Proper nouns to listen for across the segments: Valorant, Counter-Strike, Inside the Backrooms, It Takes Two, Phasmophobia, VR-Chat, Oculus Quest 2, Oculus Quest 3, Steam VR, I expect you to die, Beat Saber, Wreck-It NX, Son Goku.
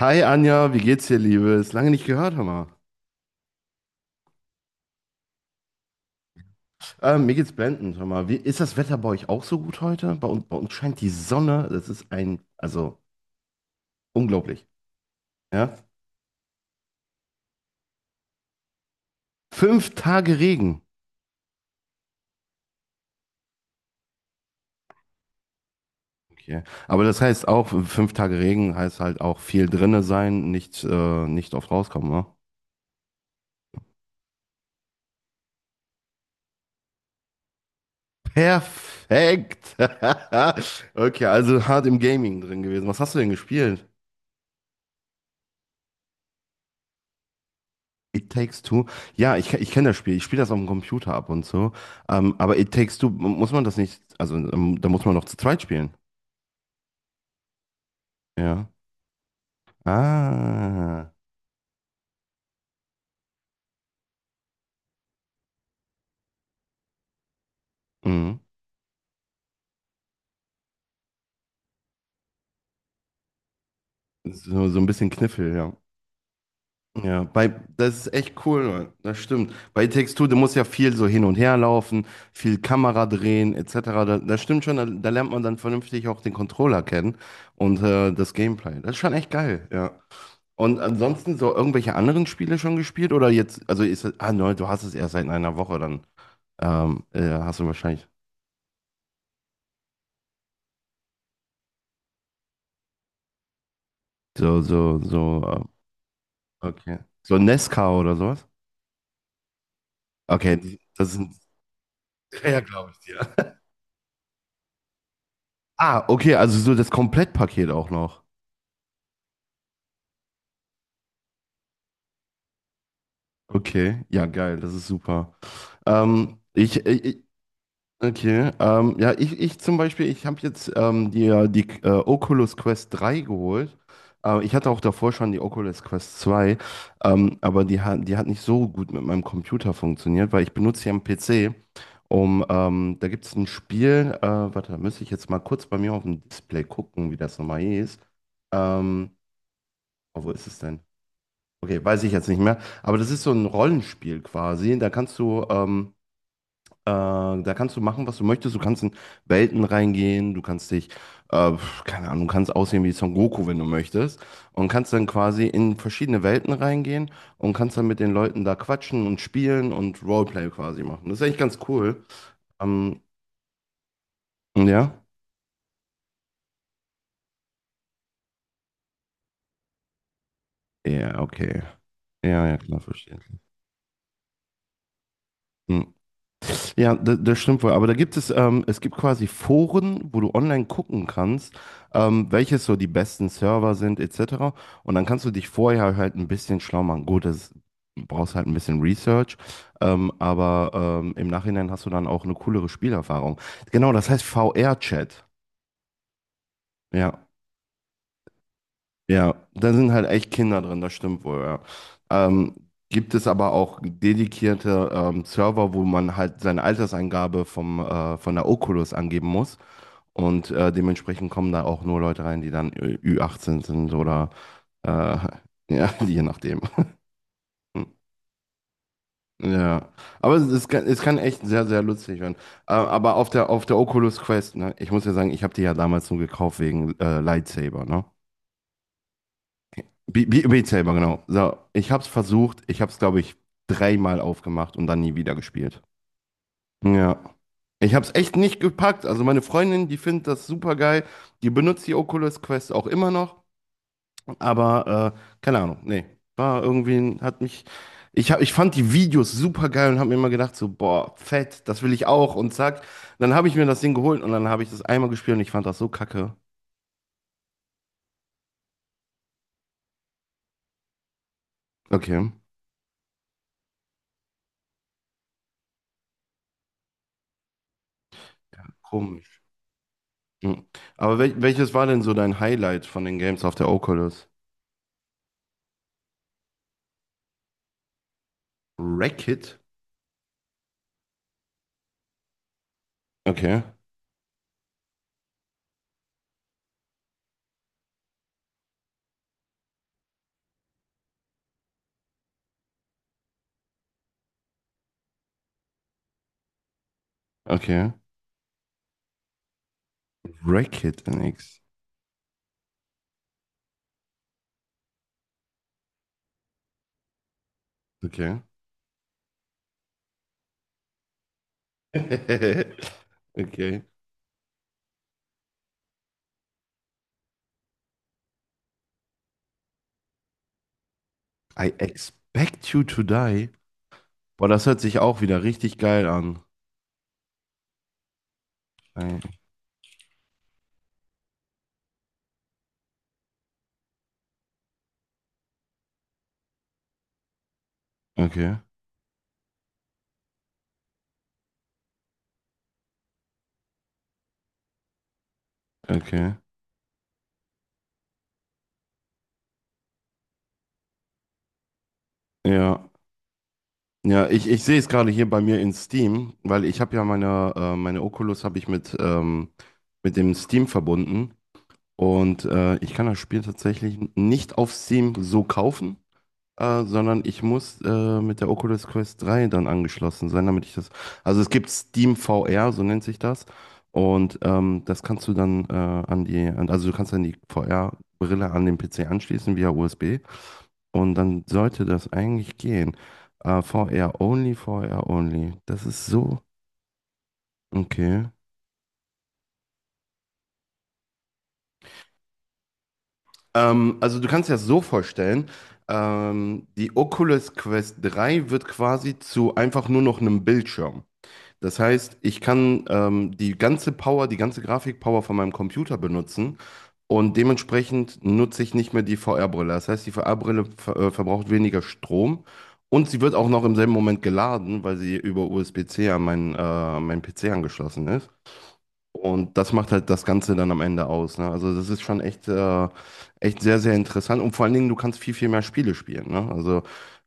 Hi Anja, wie geht's dir, Liebe? Ist lange nicht gehört, hör mal. Mir geht's blendend, hör mal. Wie, ist das Wetter bei euch auch so gut heute? Bei uns scheint die Sonne, das ist ein, also unglaublich, ja? Fünf Tage Regen. Okay. Aber das heißt auch, 5 Tage Regen heißt halt auch viel drinne sein, nicht oft rauskommen, ne? Perfekt! Okay, also hart im Gaming drin gewesen. Was hast du denn gespielt? It Takes Two. Ja, ich kenne das Spiel. Ich spiele das auf dem Computer ab und so. Aber It Takes Two, muss man das nicht, also da muss man noch zu zweit spielen. Ja. Ah. Mhm. So ein bisschen Kniffel, ja. Ja, das ist echt cool, Mann. Das stimmt. Bei It Takes Two, du musst ja viel so hin und her laufen, viel Kamera drehen, etc. Da, das stimmt schon, da lernt man dann vernünftig auch den Controller kennen und das Gameplay. Das ist schon echt geil, ja. Und ansonsten so irgendwelche anderen Spiele schon gespielt oder jetzt, also ist, ah nein, du hast es erst seit einer Woche, dann hast du wahrscheinlich so, so, so, okay. So Nesca oder sowas? Okay, das sind, ja, glaube ich dir. Ah, okay, also so das Komplettpaket auch noch. Okay, ja, geil, das ist super. Ähm, ich, ich, Okay, ja, ich zum Beispiel, ich habe jetzt die Oculus Quest 3 geholt. Ich hatte auch davor schon die Oculus Quest 2, aber die hat nicht so gut mit meinem Computer funktioniert, weil ich benutze hier am PC, da gibt es ein Spiel, warte, da müsste ich jetzt mal kurz bei mir auf dem Display gucken, wie das nochmal hieß. Ähm, oh, wo ist es denn? Okay, weiß ich jetzt nicht mehr, aber das ist so ein Rollenspiel quasi, da kannst du machen, was du möchtest. Du kannst in Welten reingehen, äh, keine Ahnung, du kannst aussehen wie Son Goku, wenn du möchtest. Und kannst dann quasi in verschiedene Welten reingehen und kannst dann mit den Leuten da quatschen und spielen und Roleplay quasi machen. Das ist eigentlich ganz cool. Ähm, ja? Ja, okay. Ja, ja, klar, verstehe. Hm. Ja, das stimmt wohl. Aber es gibt quasi Foren, wo du online gucken kannst, welches so die besten Server sind, etc. Und dann kannst du dich vorher halt ein bisschen schlau machen. Gut, das brauchst halt ein bisschen Research, aber im Nachhinein hast du dann auch eine coolere Spielerfahrung. Genau, das heißt VR-Chat. Ja, ja. Da sind halt echt Kinder drin, das stimmt wohl, ja. Ähm, Gibt es aber auch dedikierte Server, wo man halt seine Alterseingabe von der Oculus angeben muss. Und dementsprechend kommen da auch nur Leute rein, die dann Ü18 sind oder äh, ja, je nachdem. Hm, Ja, aber es kann echt sehr, sehr lustig werden. Aber auf der Oculus Quest, ne, ich muss ja sagen, ich habe die ja damals nur gekauft wegen Lightsaber, ne? Be Be Beat Saber, genau. So, ich habe es versucht, ich habe es, glaube ich, dreimal aufgemacht und dann nie wieder gespielt. Ja. Ich habe es echt nicht gepackt. Also meine Freundin, die findet das super geil. Die benutzt die Oculus Quest auch immer noch. Aber keine Ahnung, nee. War irgendwie, hat mich. Ich fand die Videos super geil und habe mir immer gedacht, so, boah, fett, das will ich auch. Und zack. Dann habe ich mir das Ding geholt und dann habe ich das einmal gespielt und ich fand das so kacke. Okay. Ja, komisch. Hm. Aber welches war denn so dein Highlight von den Games auf der Oculus? Wreck-It? Okay. Okay. Wreck-It NX. Okay. Okay. I expect you to die. Boah, das hört sich auch wieder richtig geil an. Okay, okay. Ja, ja, ich sehe es gerade hier bei mir in Steam, weil ich habe ja meine Oculus habe ich mit dem Steam verbunden und ich kann das Spiel tatsächlich nicht auf Steam so kaufen, sondern ich muss mit der Oculus Quest 3 dann angeschlossen sein, damit ich das. Also es gibt Steam VR, so nennt sich das. Und das kannst du dann also du kannst dann die VR-Brille an den PC anschließen via USB. Und dann sollte das eigentlich gehen. VR only, VR only. Das ist so. Okay. Also du kannst dir das so vorstellen, die Oculus Quest 3 wird quasi zu einfach nur noch einem Bildschirm. Das heißt, ich kann die ganze Power, die ganze Grafikpower von meinem Computer benutzen und dementsprechend nutze ich nicht mehr die VR-Brille. Das heißt, die VR-Brille verbraucht weniger Strom und sie wird auch noch im selben Moment geladen, weil sie über USB-C an meinen PC angeschlossen ist. Und das macht halt das Ganze dann am Ende aus. Ne? Also das ist schon echt sehr, sehr interessant. Und vor allen Dingen, du kannst viel, viel mehr Spiele spielen. Ne? Also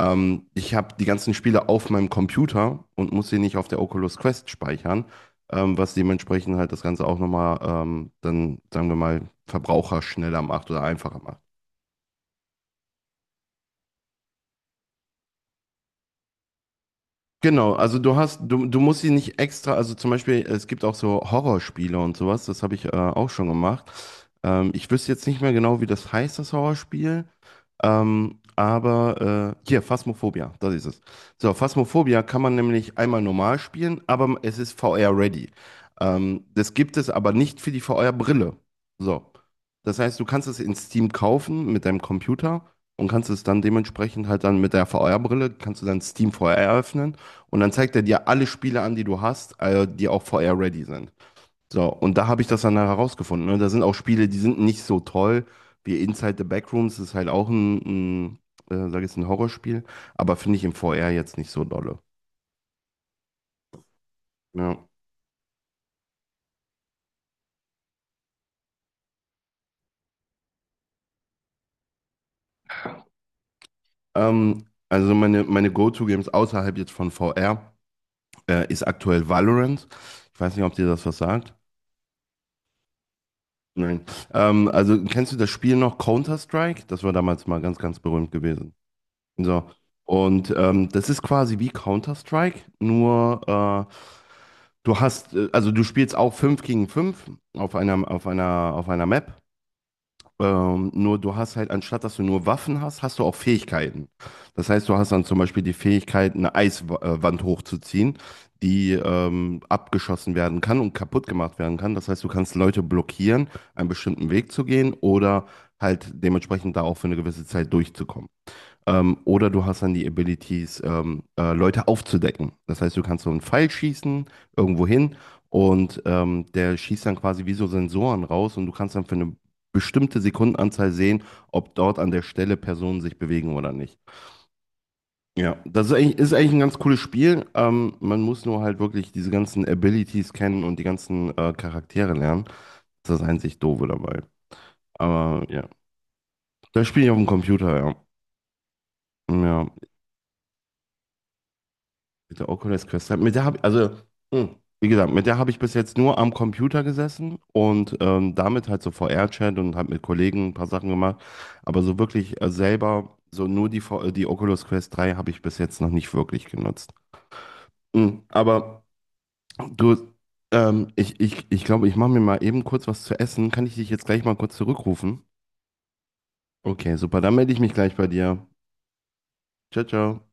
ich habe die ganzen Spiele auf meinem Computer und muss sie nicht auf der Oculus Quest speichern, was dementsprechend halt das Ganze auch nochmal dann, sagen wir mal, verbraucherschneller macht oder einfacher macht. Genau, also du musst sie nicht extra, also zum Beispiel, es gibt auch so Horrorspiele und sowas, das habe ich auch schon gemacht. Ich wüsste jetzt nicht mehr genau, wie das heißt, das Horrorspiel. Aber hier, Phasmophobia, das ist es. So, Phasmophobia kann man nämlich einmal normal spielen, aber es ist VR-ready. Das gibt es aber nicht für die VR-Brille. So, das heißt, du kannst es in Steam kaufen mit deinem Computer und kannst es dann dementsprechend halt dann mit der VR-Brille, kannst du dann Steam VR eröffnen und dann zeigt er dir alle Spiele an, die du hast, die auch VR-ready sind. So, und da habe ich das dann herausgefunden. Ne? Da sind auch Spiele, die sind nicht so toll, wie Inside the Backrooms, das ist halt auch ein, ein, sag ich jetzt, ein Horrorspiel, aber finde ich im VR jetzt nicht so dolle. Ja. Also meine Go-To-Games außerhalb jetzt von VR ist aktuell Valorant. Ich weiß nicht, ob dir das was sagt. Nein. Also kennst du das Spiel noch Counter-Strike? Das war damals mal ganz, ganz berühmt gewesen. So. Und das ist quasi wie Counter-Strike, nur äh, also du spielst auch 5 gegen 5 auf einer Map. Nur du hast halt, anstatt dass du nur Waffen hast, hast du auch Fähigkeiten. Das heißt, du hast dann zum Beispiel die Fähigkeit, eine Eiswand hochzuziehen, die abgeschossen werden kann und kaputt gemacht werden kann. Das heißt, du kannst Leute blockieren, einen bestimmten Weg zu gehen oder halt dementsprechend da auch für eine gewisse Zeit durchzukommen. Oder du hast dann die Abilities, Leute aufzudecken. Das heißt, du kannst so einen Pfeil schießen, irgendwo hin, und der schießt dann quasi wie so Sensoren raus und du kannst dann für eine bestimmte Sekundenanzahl sehen, ob dort an der Stelle Personen sich bewegen oder nicht. Ja, das ist eigentlich ein ganz cooles Spiel. Man muss nur halt wirklich diese ganzen Abilities kennen und die ganzen Charaktere lernen. Das ist das einzig Doofe dabei. Aber ja, das spiele ich auf dem Computer, ja. Ja. Mit der Oculus Quest. Mit der habe also, hm, wie gesagt, mit der habe ich bis jetzt nur am Computer gesessen und damit halt so VR-Chat und habe mit Kollegen ein paar Sachen gemacht. Aber so wirklich selber, so nur die Oculus Quest 3 habe ich bis jetzt noch nicht wirklich genutzt. Hm, aber du, ich glaube, ich mache mir mal eben kurz was zu essen. Kann ich dich jetzt gleich mal kurz zurückrufen? Okay, super. Dann melde ich mich gleich bei dir. Ciao, ciao.